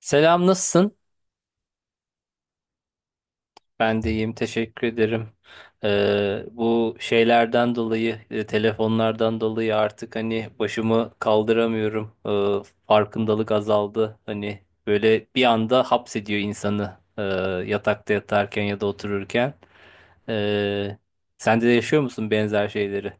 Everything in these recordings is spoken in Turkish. Selam nasılsın? Ben de iyiyim, teşekkür ederim. Bu şeylerden dolayı telefonlardan dolayı artık hani başımı kaldıramıyorum. Farkındalık azaldı. Hani böyle bir anda hapsediyor insanı, yatakta yatarken ya da otururken. Ee, Sen de yaşıyor musun benzer şeyleri?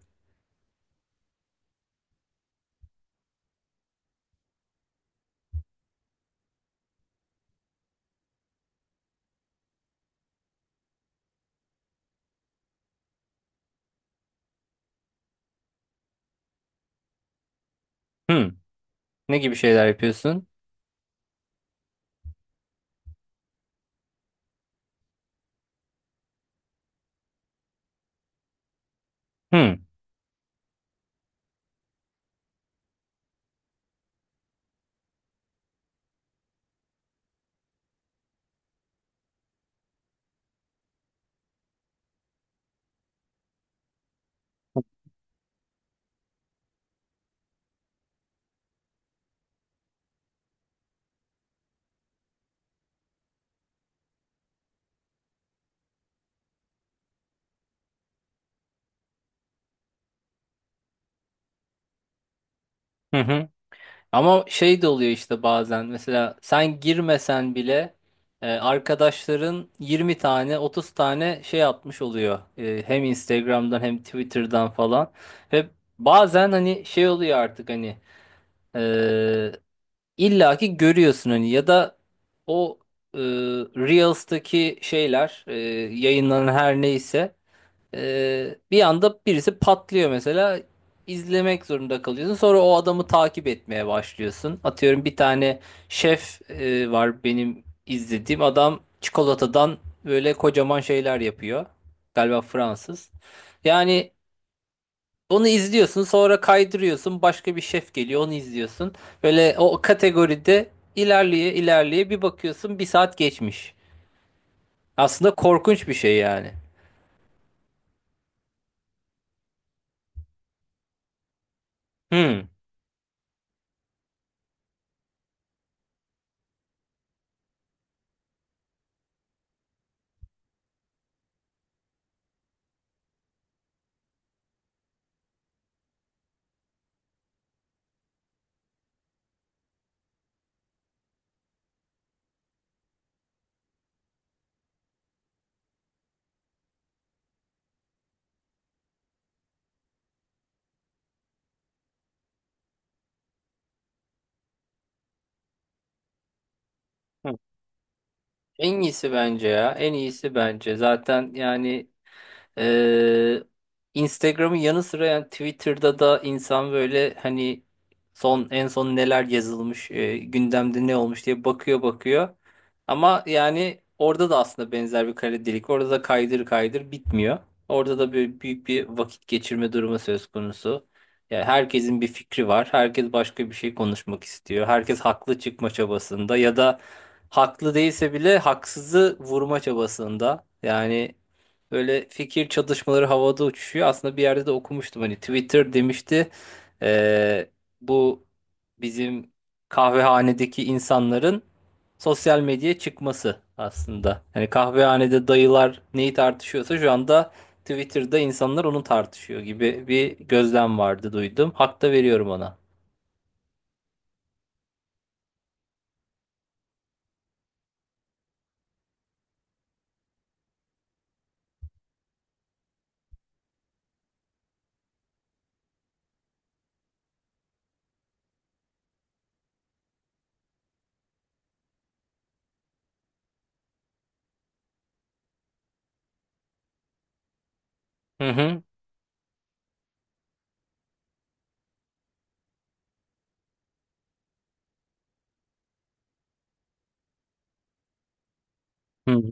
Hmm. Ne gibi şeyler yapıyorsun? Hmm. Hı hı. Ama şey de oluyor işte, bazen mesela sen girmesen bile arkadaşların 20 tane 30 tane şey atmış oluyor. E, hem Instagram'dan hem Twitter'dan falan. Ve bazen hani şey oluyor artık, hani e, illaki görüyorsun hani, ya da o e, Reels'taki şeyler, yayınlanan her neyse, bir anda birisi patlıyor mesela, izlemek zorunda kalıyorsun. Sonra o adamı takip etmeye başlıyorsun. Atıyorum, bir tane şef var benim izlediğim adam, çikolatadan böyle kocaman şeyler yapıyor. Galiba Fransız. Yani onu izliyorsun, sonra kaydırıyorsun, başka bir şef geliyor, onu izliyorsun. Böyle o kategoride ilerleye ilerleye bir bakıyorsun bir saat geçmiş. Aslında korkunç bir şey yani. Hmm. En iyisi bence ya. En iyisi bence. Zaten yani, ee, Instagram'ın yanı sıra yani Twitter'da da insan böyle hani son en son neler yazılmış, gündemde ne olmuş diye bakıyor bakıyor. Ama yani orada da aslında benzer bir kare. Orada da kaydır kaydır bitmiyor. Orada da böyle büyük bir vakit geçirme durumu söz konusu. Yani herkesin bir fikri var. Herkes başka bir şey konuşmak istiyor. Herkes haklı çıkma çabasında, ya da haklı değilse bile haksızı vurma çabasında. Yani böyle fikir çatışmaları havada uçuşuyor. Aslında bir yerde de okumuştum. Hani Twitter demişti, eee, bu bizim kahvehanedeki insanların sosyal medyaya çıkması aslında. Hani kahvehanede dayılar neyi tartışıyorsa şu anda Twitter'da insanlar onu tartışıyor gibi bir gözlem vardı, duydum. Hak da veriyorum ona. Hı hı. Hı.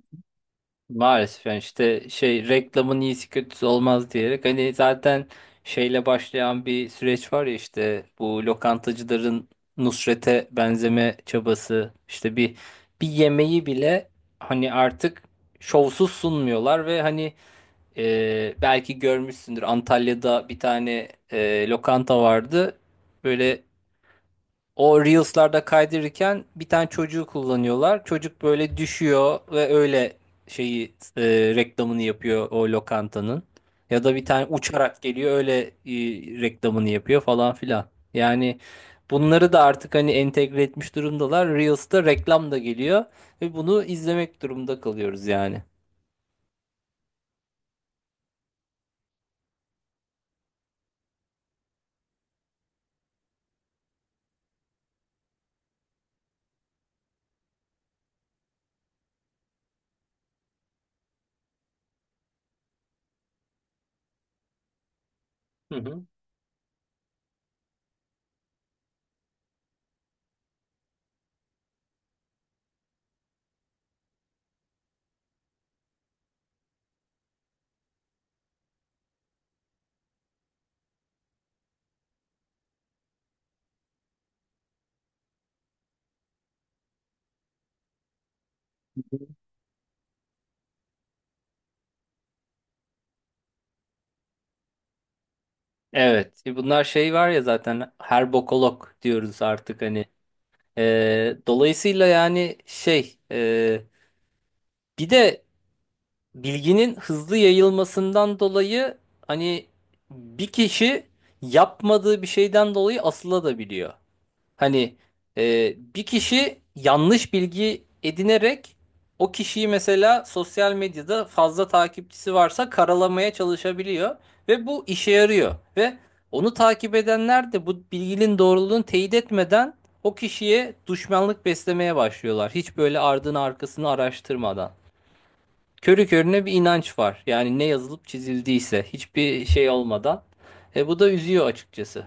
Maalesef yani, işte şey, reklamın iyisi kötüsü olmaz diyerek hani, zaten şeyle başlayan bir süreç var ya, işte bu lokantacıların Nusret'e benzeme çabası, işte bir bir yemeği bile hani artık şovsuz sunmuyorlar, ve hani belki görmüşsündür, Antalya'da bir tane lokanta vardı, böyle o Reels'larda kaydırırken, bir tane çocuğu kullanıyorlar. Çocuk böyle düşüyor ve öyle şeyi, reklamını yapıyor o lokantanın. Ya da bir tane uçarak geliyor, öyle reklamını yapıyor falan filan. Yani bunları da artık hani entegre etmiş durumdalar. Reels'ta reklam da geliyor ve bunu izlemek durumunda kalıyoruz yani. Hı hı. Evet, bunlar şey var ya, zaten her bokolog diyoruz artık hani. E, dolayısıyla yani şey, bir de bilginin hızlı yayılmasından dolayı hani bir kişi yapmadığı bir şeyden dolayı asılabiliyor. Hani, bir kişi yanlış bilgi edinerek o kişiyi, mesela sosyal medyada fazla takipçisi varsa, karalamaya çalışabiliyor ve bu işe yarıyor, ve onu takip edenler de bu bilginin doğruluğunu teyit etmeden o kişiye düşmanlık beslemeye başlıyorlar. Hiç böyle ardını arkasını araştırmadan körü körüne bir inanç var. Yani ne yazılıp çizildiyse, hiçbir şey olmadan. E, bu da üzüyor açıkçası.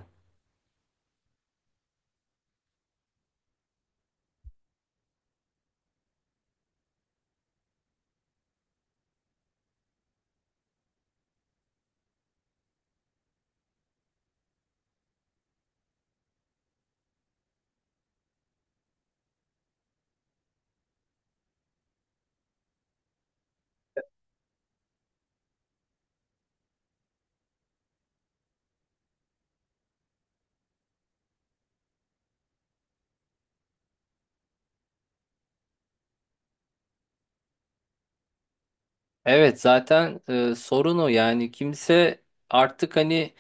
Evet, zaten sorun o yani, kimse artık hani,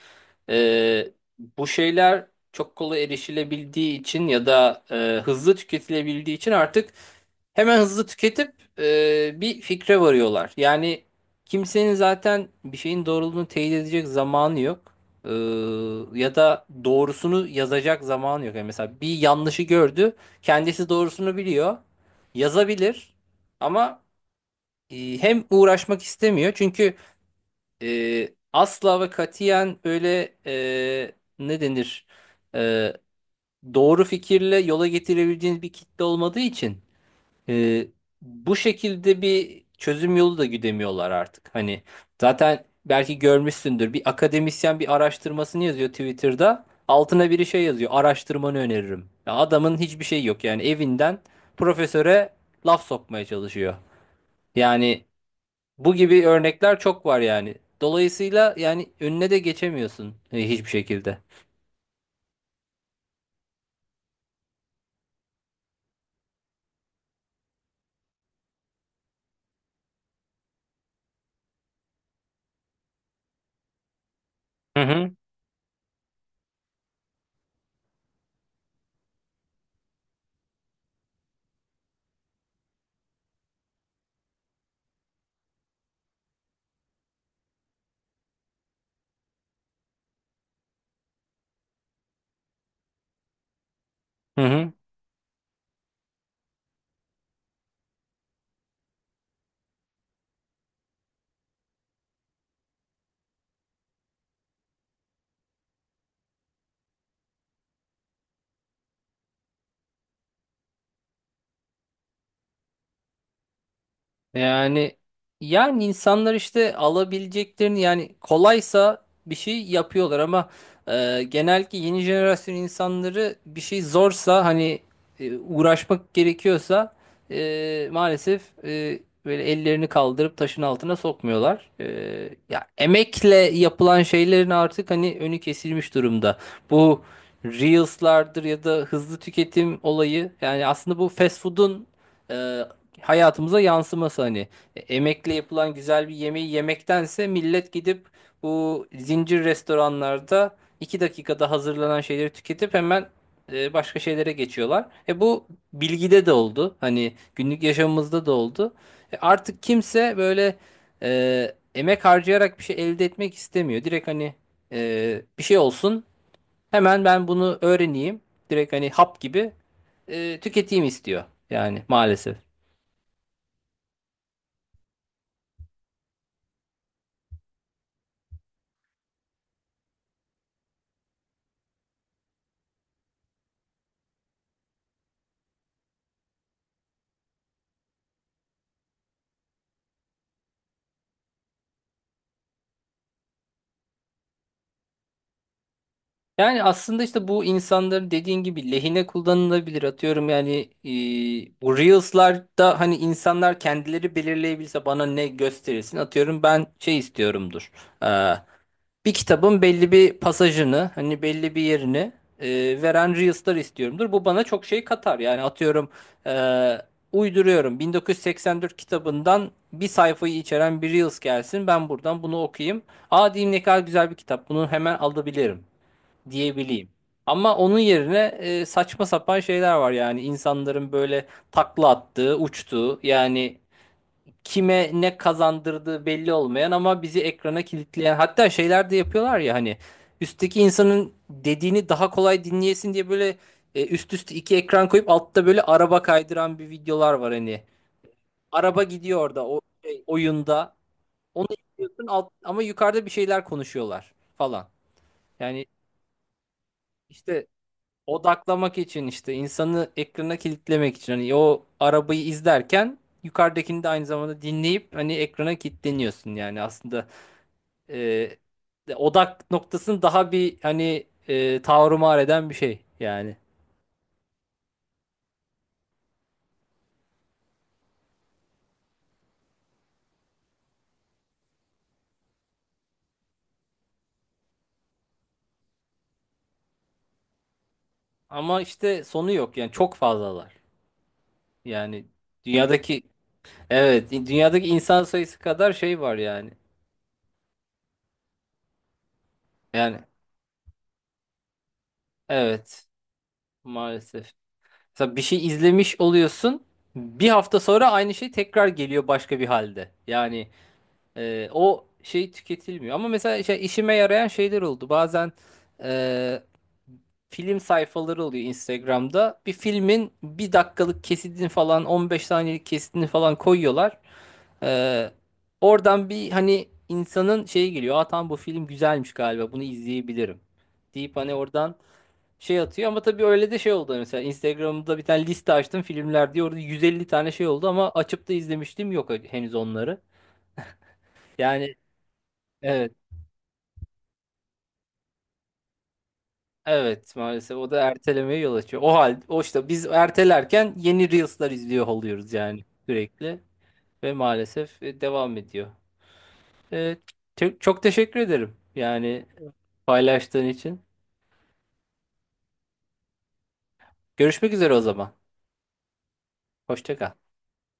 Ee, bu şeyler çok kolay erişilebildiği için, ya da hızlı tüketilebildiği için, artık hemen hızlı tüketip bir fikre varıyorlar. Yani kimsenin zaten bir şeyin doğruluğunu teyit edecek zamanı yok. Ee, ya da doğrusunu yazacak zamanı yok. Yani mesela bir yanlışı gördü, kendisi doğrusunu biliyor, yazabilir, ama hem uğraşmak istemiyor, çünkü asla ve katiyen öyle, ne denir, E, doğru fikirle yola getirebileceğiniz bir kitle olmadığı için, e, bu şekilde bir çözüm yolu da güdemiyorlar artık. Hani zaten belki görmüşsündür, bir akademisyen bir araştırmasını yazıyor Twitter'da, altına biri şey yazıyor, araştırmanı öneririm. Ya adamın hiçbir şey yok yani, evinden profesöre laf sokmaya çalışıyor. Yani bu gibi örnekler çok var yani. Dolayısıyla yani önüne de geçemiyorsun hiçbir şekilde. Hı hı. Hı hı. Yani, yani insanlar işte alabileceklerini, yani kolaysa bir şey yapıyorlar, ama genellikle yeni jenerasyon insanları, bir şey zorsa hani, uğraşmak gerekiyorsa, maalesef, böyle ellerini kaldırıp taşın altına sokmuyorlar. E, ya emekle yapılan şeylerin artık hani önü kesilmiş durumda. Bu Reels'lardır ya da hızlı tüketim olayı, yani aslında bu fast food'un e, hayatımıza yansıması hani. E, emekle yapılan güzel bir yemeği yemektense, millet gidip bu zincir restoranlarda iki dakikada hazırlanan şeyleri tüketip hemen başka şeylere geçiyorlar. E, bu bilgide de oldu. Hani günlük yaşamımızda da oldu. E, artık kimse böyle emek harcayarak bir şey elde etmek istemiyor. Direkt hani bir şey olsun, hemen ben bunu öğreneyim. Direkt hani hap gibi tüketeyim istiyor. Yani maalesef. Yani aslında işte bu insanların, dediğin gibi, lehine kullanılabilir. Atıyorum yani, bu Reels'larda hani insanlar kendileri belirleyebilse bana ne gösterilsin, atıyorum ben şey istiyorumdur. Ee, bir kitabın belli bir pasajını, hani belli bir yerini veren Reels'lar istiyorumdur. Bu bana çok şey katar. Yani atıyorum, e, uyduruyorum, 1984 kitabından bir sayfayı içeren bir Reels gelsin. Ben buradan bunu okuyayım. Aa diyeyim, ne kadar güzel bir kitap, bunu hemen alabilirim diyebileyim. Ama onun yerine saçma sapan şeyler var, yani insanların böyle takla attığı, uçtuğu, yani kime ne kazandırdığı belli olmayan ama bizi ekrana kilitleyen, hatta şeyler de yapıyorlar ya hani, üstteki insanın dediğini daha kolay dinleyesin diye böyle üst üste iki ekran koyup altta böyle araba kaydıran bir videolar var hani. Araba gidiyor orada o şey, oyunda. Onu izliyorsun alt, ama yukarıda bir şeyler konuşuyorlar falan. Yani işte odaklamak için, işte insanı ekrana kilitlemek için, hani o arabayı izlerken yukarıdakini de aynı zamanda dinleyip hani ekrana kilitleniyorsun yani, aslında e, odak noktasını daha bir hani, tavrımar eden bir şey yani. Ama işte sonu yok yani, çok fazlalar yani, dünyadaki, evet dünyadaki insan sayısı kadar şey var yani, yani evet maalesef. Mesela bir şey izlemiş oluyorsun. Bir hafta sonra aynı şey tekrar geliyor başka bir halde. Yani o şey tüketilmiyor. Ama mesela şey, işime yarayan şeyler oldu. Bazen e, film sayfaları oluyor Instagram'da. Bir filmin bir dakikalık kesitini falan, 15 saniyelik kesitini falan koyuyorlar. E, oradan bir hani insanın şeyi geliyor. Aa tamam, bu film güzelmiş, galiba bunu izleyebilirim deyip hani oradan şey atıyor. Ama tabii öyle de şey oldu, mesela Instagram'da bir tane liste açtım filmler diye, orada 150 tane şey oldu ama açıp da izlemiştim yok henüz onları. Yani evet, evet maalesef o da ertelemeye yol açıyor. O hal o işte, biz ertelerken yeni Reels'lar izliyor oluyoruz yani, sürekli ve maalesef devam ediyor. Evet, çok, teşekkür ederim yani paylaştığın için. Görüşmek üzere o zaman. Hoşça kal.